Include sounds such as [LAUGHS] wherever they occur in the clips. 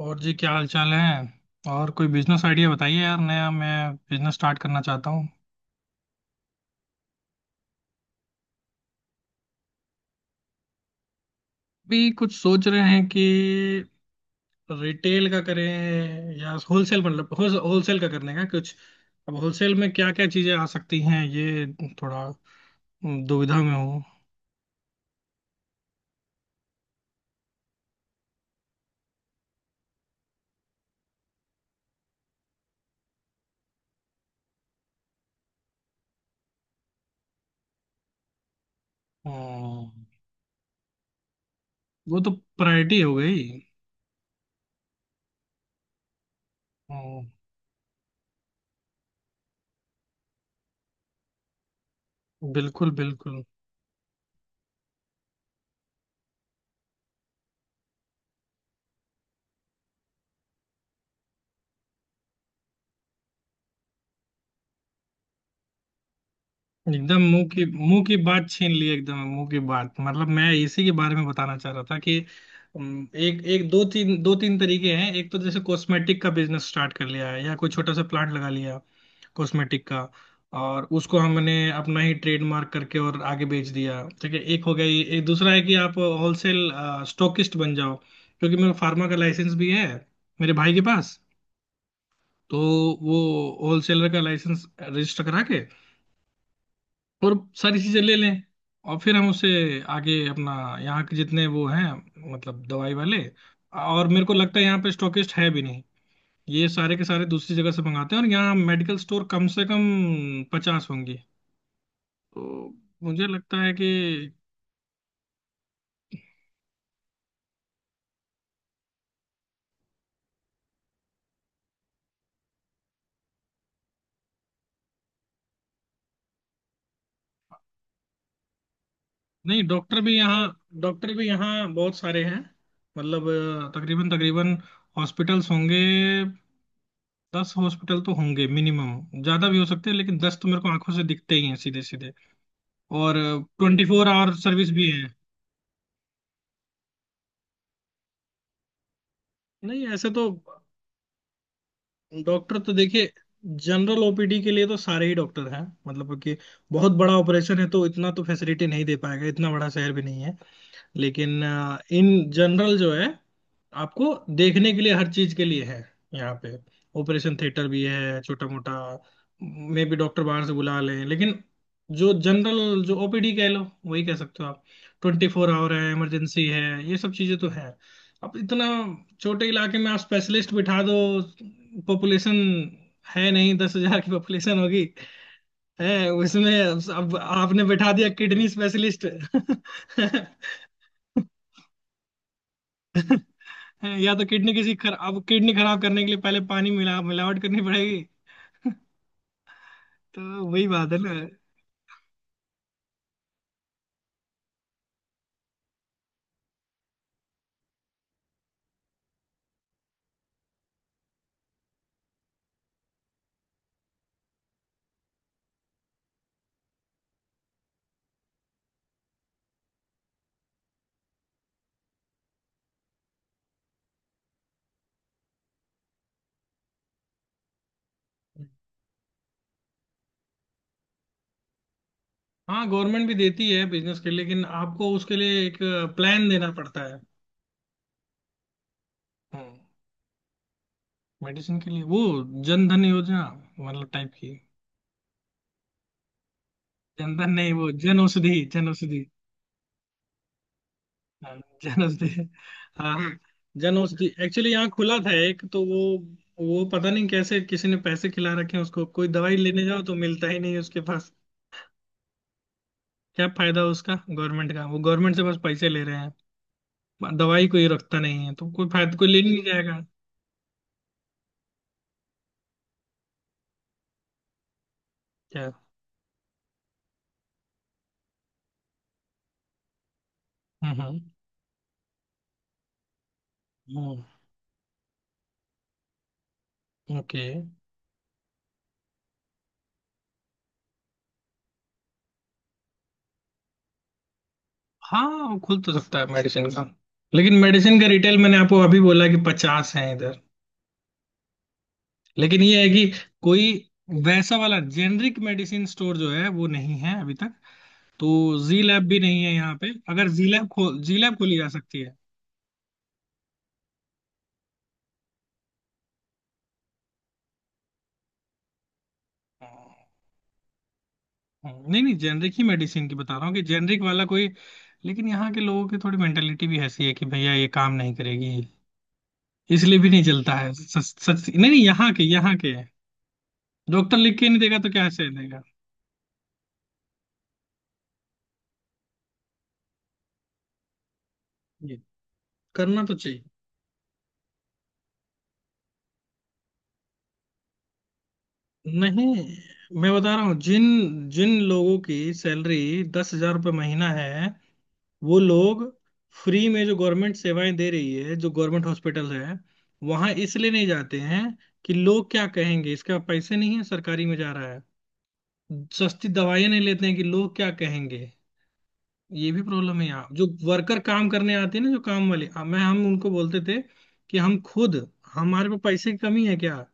और जी, क्या हाल चाल है। और कोई बिजनेस आइडिया बताइए यार, नया। मैं बिजनेस स्टार्ट करना चाहता हूँ। भी कुछ सोच रहे हैं कि रिटेल का करें या होलसेल मतलब। होलसेल का करने का कुछ। अब होलसेल में क्या क्या चीजें आ सकती हैं। ये थोड़ा दुविधा में हूँ। हम्म। वो तो प्रायोरिटी हो गई। हम्म। बिल्कुल बिल्कुल। एकदम मुंह की बात छीन ली। एकदम मुंह की बात, मतलब मैं इसी के बारे में बताना चाह रहा था कि एक एक दो तीन तरीके हैं। एक तो जैसे कॉस्मेटिक का बिजनेस स्टार्ट कर लिया है या कोई छोटा सा प्लांट लगा लिया कॉस्मेटिक का। और उसको हमने अपना ही ट्रेडमार्क करके और आगे बेच दिया। ठीक है, एक हो गया ये। एक दूसरा है कि आप होलसेल स्टॉकिस्ट बन जाओ, क्योंकि मेरा फार्मा का लाइसेंस भी है, मेरे भाई के पास। तो वो होलसेलर का लाइसेंस रजिस्टर करा के और सारी चीजें ले लें। और फिर हम उसे आगे अपना यहाँ के जितने वो हैं, मतलब दवाई वाले। और मेरे को लगता है यहाँ पे स्टॉकिस्ट है भी नहीं। ये सारे के सारे दूसरी जगह से मंगाते हैं और यहाँ मेडिकल स्टोर कम से कम 50 होंगे। तो मुझे लगता है कि नहीं, डॉक्टर भी यहाँ बहुत सारे हैं। मतलब तकरीबन तकरीबन हॉस्पिटल्स होंगे। 10 हॉस्पिटल तो होंगे मिनिमम, ज्यादा भी हो सकते हैं, लेकिन 10 तो मेरे को आंखों से दिखते ही हैं सीधे सीधे। और 24 आवर सर्विस भी है। नहीं ऐसे तो। डॉक्टर तो देखिए, जनरल ओपीडी के लिए तो सारे ही डॉक्टर हैं। मतलब कि बहुत बड़ा ऑपरेशन है तो इतना तो फैसिलिटी नहीं दे पाएगा, इतना बड़ा शहर भी नहीं है। लेकिन इन जनरल जो है, आपको देखने के लिए हर चीज के लिए है यहाँ पे। ऑपरेशन थिएटर भी है छोटा मोटा। मे भी डॉक्टर बाहर से बुला लें, लेकिन जो जनरल जो ओपीडी कह लो, वही कह सकते हो आप। 24 आवर है, इमरजेंसी है, ये सब चीजें तो है। अब इतना छोटे इलाके में आप स्पेशलिस्ट बिठा दो। पॉपुलेशन है नहीं, 10,000 की पॉपुलेशन होगी है उसमें। अब आपने बिठा दिया किडनी स्पेशलिस्ट। [LAUGHS] हैं, या तो अब किडनी खराब करने के लिए पहले पानी मिलावट करनी पड़ेगी। [LAUGHS] तो वही बात है ना। हाँ, गवर्नमेंट भी देती है बिजनेस के लिए, लेकिन आपको उसके लिए एक प्लान देना पड़ता है। हम्म। मेडिसिन के लिए वो जन धन योजना मतलब टाइप की। जन धन नहीं, वो जन औषधि, जन औषधि। हाँ, जन औषधि। हाँ, जन औषधि एक्चुअली यहाँ खुला था एक, तो वो पता नहीं कैसे किसी ने पैसे खिला रखे हैं उसको। कोई दवाई लेने जाओ तो मिलता ही नहीं है उसके पास। क्या फायदा उसका, गवर्नमेंट का। वो गवर्नमेंट से बस पैसे ले रहे हैं, दवाई कोई रखता नहीं है, तो कोई फायदा, कोई ले ही नहीं जाएगा। क्या। हम्म हम्म। ओके। हाँ, वो खुल तो सकता है मेडिसिन का। लेकिन मेडिसिन का रिटेल मैंने आपको अभी बोला कि 50 है इधर। लेकिन ये है कि कोई वैसा वाला जेनरिक मेडिसिन स्टोर जो है, वो नहीं है अभी तक। तो जी लैब भी नहीं है यहाँ पे। अगर जी लैब खोली जा सकती है। नहीं नहीं, जेनरिक ही मेडिसिन की बता रहा हूँ कि जेनरिक वाला कोई। लेकिन यहाँ के लोगों की थोड़ी मेंटेलिटी भी ऐसी है कि भैया ये काम नहीं करेगी, इसलिए भी नहीं चलता है। सच, सच। नहीं नहीं, यहाँ के डॉक्टर लिख के नहीं देगा तो क्या से देगा। ये करना तो चाहिए। नहीं, मैं बता रहा हूँ, जिन जिन लोगों की सैलरी 10,000 रुपये महीना है, वो लोग फ्री में जो गवर्नमेंट सेवाएं दे रही है, जो गवर्नमेंट हॉस्पिटल है, वहां इसलिए नहीं जाते हैं कि लोग क्या कहेंगे, इसका पैसे नहीं है सरकारी में जा रहा है। सस्ती दवाइयाँ नहीं लेते हैं कि लोग क्या कहेंगे। ये भी प्रॉब्लम है। यहाँ जो वर्कर काम करने आते हैं ना, जो काम वाले, अब मैं हम उनको बोलते थे कि हम खुद, हमारे पास पैसे की कमी है क्या,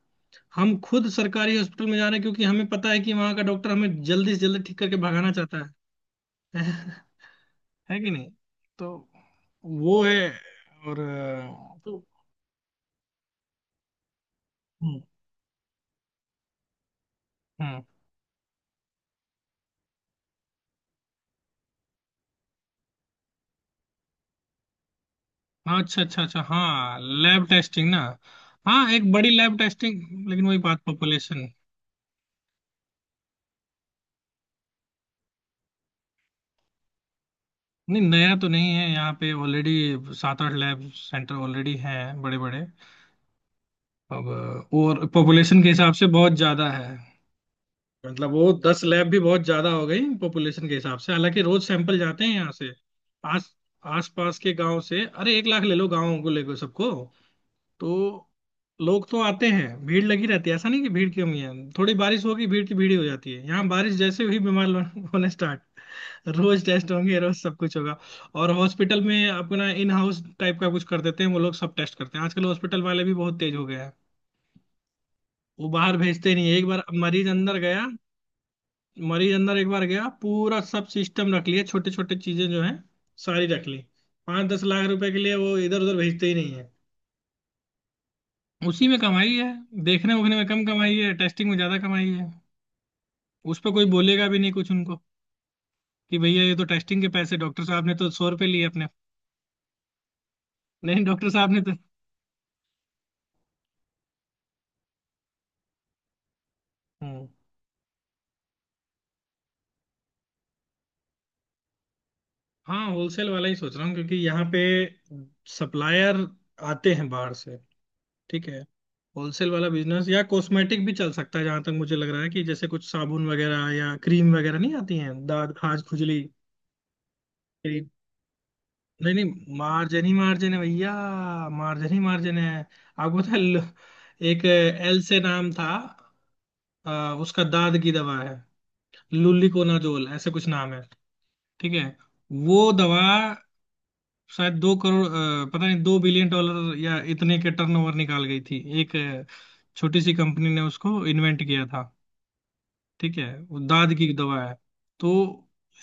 हम खुद सरकारी हॉस्पिटल में जा रहे हैं, क्योंकि हमें पता है कि वहाँ का डॉक्टर हमें जल्दी से जल्दी ठीक करके भगाना चाहता है। [LAUGHS] है कि नहीं। तो वो है। और तो। हम्म हम्म। हाँ, अच्छा अच्छा अच्छा। हाँ, लैब टेस्टिंग ना। हाँ, एक बड़ी लैब टेस्टिंग, लेकिन वही बात, पॉपुलेशन। नहीं, नया तो नहीं है, यहाँ पे ऑलरेडी 7-8 लैब सेंटर ऑलरेडी हैं, बड़े बड़े। अब और पॉपुलेशन के हिसाब से बहुत ज़्यादा है। मतलब वो 10 लैब भी बहुत ज़्यादा हो गई पॉपुलेशन के हिसाब से, हालांकि रोज सैंपल जाते हैं यहाँ से। आस आस पास के गांव से, अरे 1,00,000 ले लो गांव को लेकर सबको। तो लोग तो आते हैं, भीड़ लगी रहती है, ऐसा नहीं कि भीड़ की कमी है। थोड़ी बारिश होगी, भीड़ की भीड़ ही हो जाती है यहाँ। बारिश जैसे ही बीमार लोग [LAUGHS] होने स्टार्ट। रोज टेस्ट होंगे, रोज सब कुछ होगा। और हॉस्पिटल में अपना इन हाउस टाइप का कुछ कर देते हैं, वो लोग सब टेस्ट करते हैं। आजकल हॉस्पिटल वाले भी बहुत तेज हो गए हैं, वो बाहर भेजते नहीं है। एक बार मरीज अंदर गया, मरीज अंदर एक बार गया, पूरा सब सिस्टम रख लिया। छोटे छोटे चीजें जो है, सारी रख ली। 5-10 लाख रुपए के लिए वो इधर उधर भेजते ही नहीं है, उसी में कमाई है। देखने उखने में कम कमाई है, टेस्टिंग में ज्यादा कमाई है। उस पर कोई बोलेगा भी नहीं कुछ उनको, कि भैया ये तो टेस्टिंग के पैसे, डॉक्टर साहब ने तो 100 रुपए लिए अपने। नहीं, डॉक्टर साहब ने तो। हम्म। हाँ, होलसेल वाला ही सोच रहा हूँ, क्योंकि यहाँ पे सप्लायर आते हैं बाहर से। ठीक है। होलसेल वाला बिजनेस या कॉस्मेटिक भी चल सकता है, जहां तक मुझे लग रहा है कि जैसे कुछ साबुन वगैरह या क्रीम वगैरह नहीं आती हैं दाद खाज खुजली। नहीं नहीं, मार्जिन ही मार्जिन है भैया, मार्जिन ही मार्जिन है। आपको पता है, एक एल से नाम था। उसका दाद की दवा है। लुलिकोनाजोल ऐसे कुछ नाम है। ठीक है, वो दवा शायद 2 करोड़, पता नहीं, $2 बिलियन या इतने के टर्नओवर निकाल गई थी। एक छोटी सी कंपनी ने उसको इन्वेंट किया था। ठीक है, वो दाद की दवा है। तो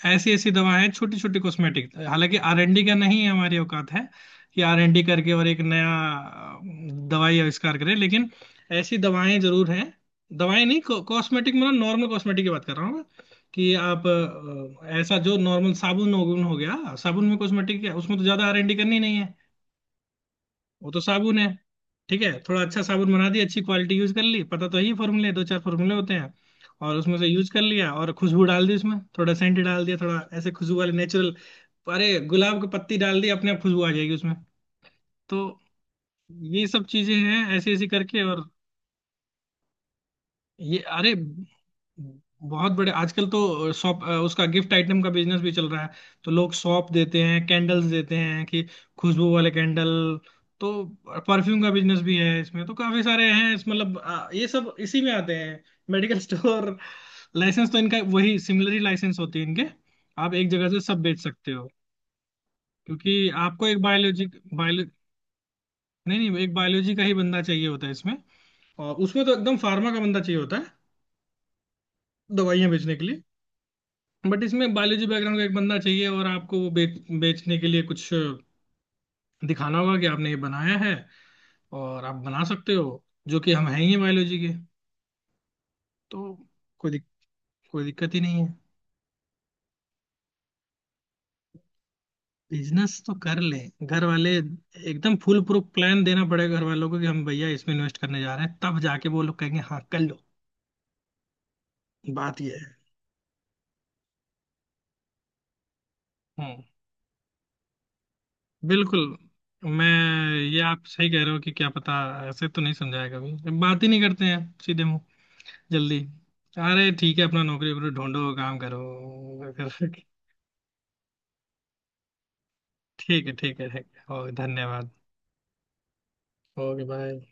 ऐसी ऐसी दवाएं हैं, छोटी छोटी कॉस्मेटिक, हालांकि R&D का नहीं है, हमारी औकात है कि R&D करके और एक नया अ, दवाई आविष्कार करें, लेकिन ऐसी दवाएं जरूर हैं। दवाएं नहीं, कॉस्मेटिक, मतलब नॉर्मल कॉस्मेटिक की बात कर रहा हूँ मैं, कि आप ऐसा जो नॉर्मल साबुन हो। हो गया, साबुन में कॉस्मेटिक है, उसमें तो ज्यादा R&D करनी नहीं है, वो तो साबुन है। ठीक है, थोड़ा अच्छा साबुन बना दिया, अच्छी क्वालिटी यूज कर ली, पता तो यही फॉर्मूले, दो चार फॉर्मूले होते हैं, और उसमें से यूज कर लिया, और खुशबू डाल दी उसमें, थोड़ा सेंट डाल दिया, थोड़ा ऐसे खुशबू वाले नेचुरल। अरे गुलाब की पत्ती डाल दी, अपने आप खुशबू आ जाएगी उसमें। तो ये सब चीजें हैं ऐसे ऐसे करके। और ये, अरे बहुत बड़े आजकल तो शॉप, उसका गिफ्ट आइटम का बिजनेस भी चल रहा है। तो लोग सौंफ देते हैं, कैंडल्स देते हैं कि खुशबू वाले कैंडल। तो परफ्यूम का बिजनेस भी है, इसमें तो काफी सारे हैं इस, मतलब ये सब इसी में आते हैं, मेडिकल [LAUGHS] स्टोर। लाइसेंस तो इनका वही सिमिलर ही लाइसेंस होती है इनके, आप एक जगह से सब बेच सकते हो। क्योंकि आपको एक बायोलॉजी बायो नहीं नहीं, एक बायोलॉजी का ही बंदा चाहिए होता है इसमें। और उसमें तो एकदम फार्मा का बंदा चाहिए होता है दवाइयां बेचने के लिए। बट इसमें बायोलॉजी बैकग्राउंड का एक बंदा चाहिए, और आपको वो बेचने के लिए कुछ दिखाना होगा कि आपने ये बनाया है और आप बना सकते हो, जो कि हम हैं ही बायोलॉजी के। तो कोई दिक, कोई दिक्कत ही नहीं है। बिजनेस तो कर ले घर वाले। एकदम फुल प्रूफ प्लान देना पड़ेगा घर वालों को कि हम, भैया, इसमें इन्वेस्ट करने जा रहे हैं, तब जाके वो लोग कहेंगे हाँ कर लो। बात ये है। हम्म। बिल्कुल। मैं, ये आप सही कह रहे हो कि क्या पता। ऐसे तो नहीं समझाया कभी, बात ही नहीं करते हैं सीधे मुंह। जल्दी। अरे ठीक है, अपना नौकरी वोकरी ढूंढो, काम करो [LAUGHS] ठीक है, ठीक है, ठीक है। ओ, धन्यवाद। Okay, bye.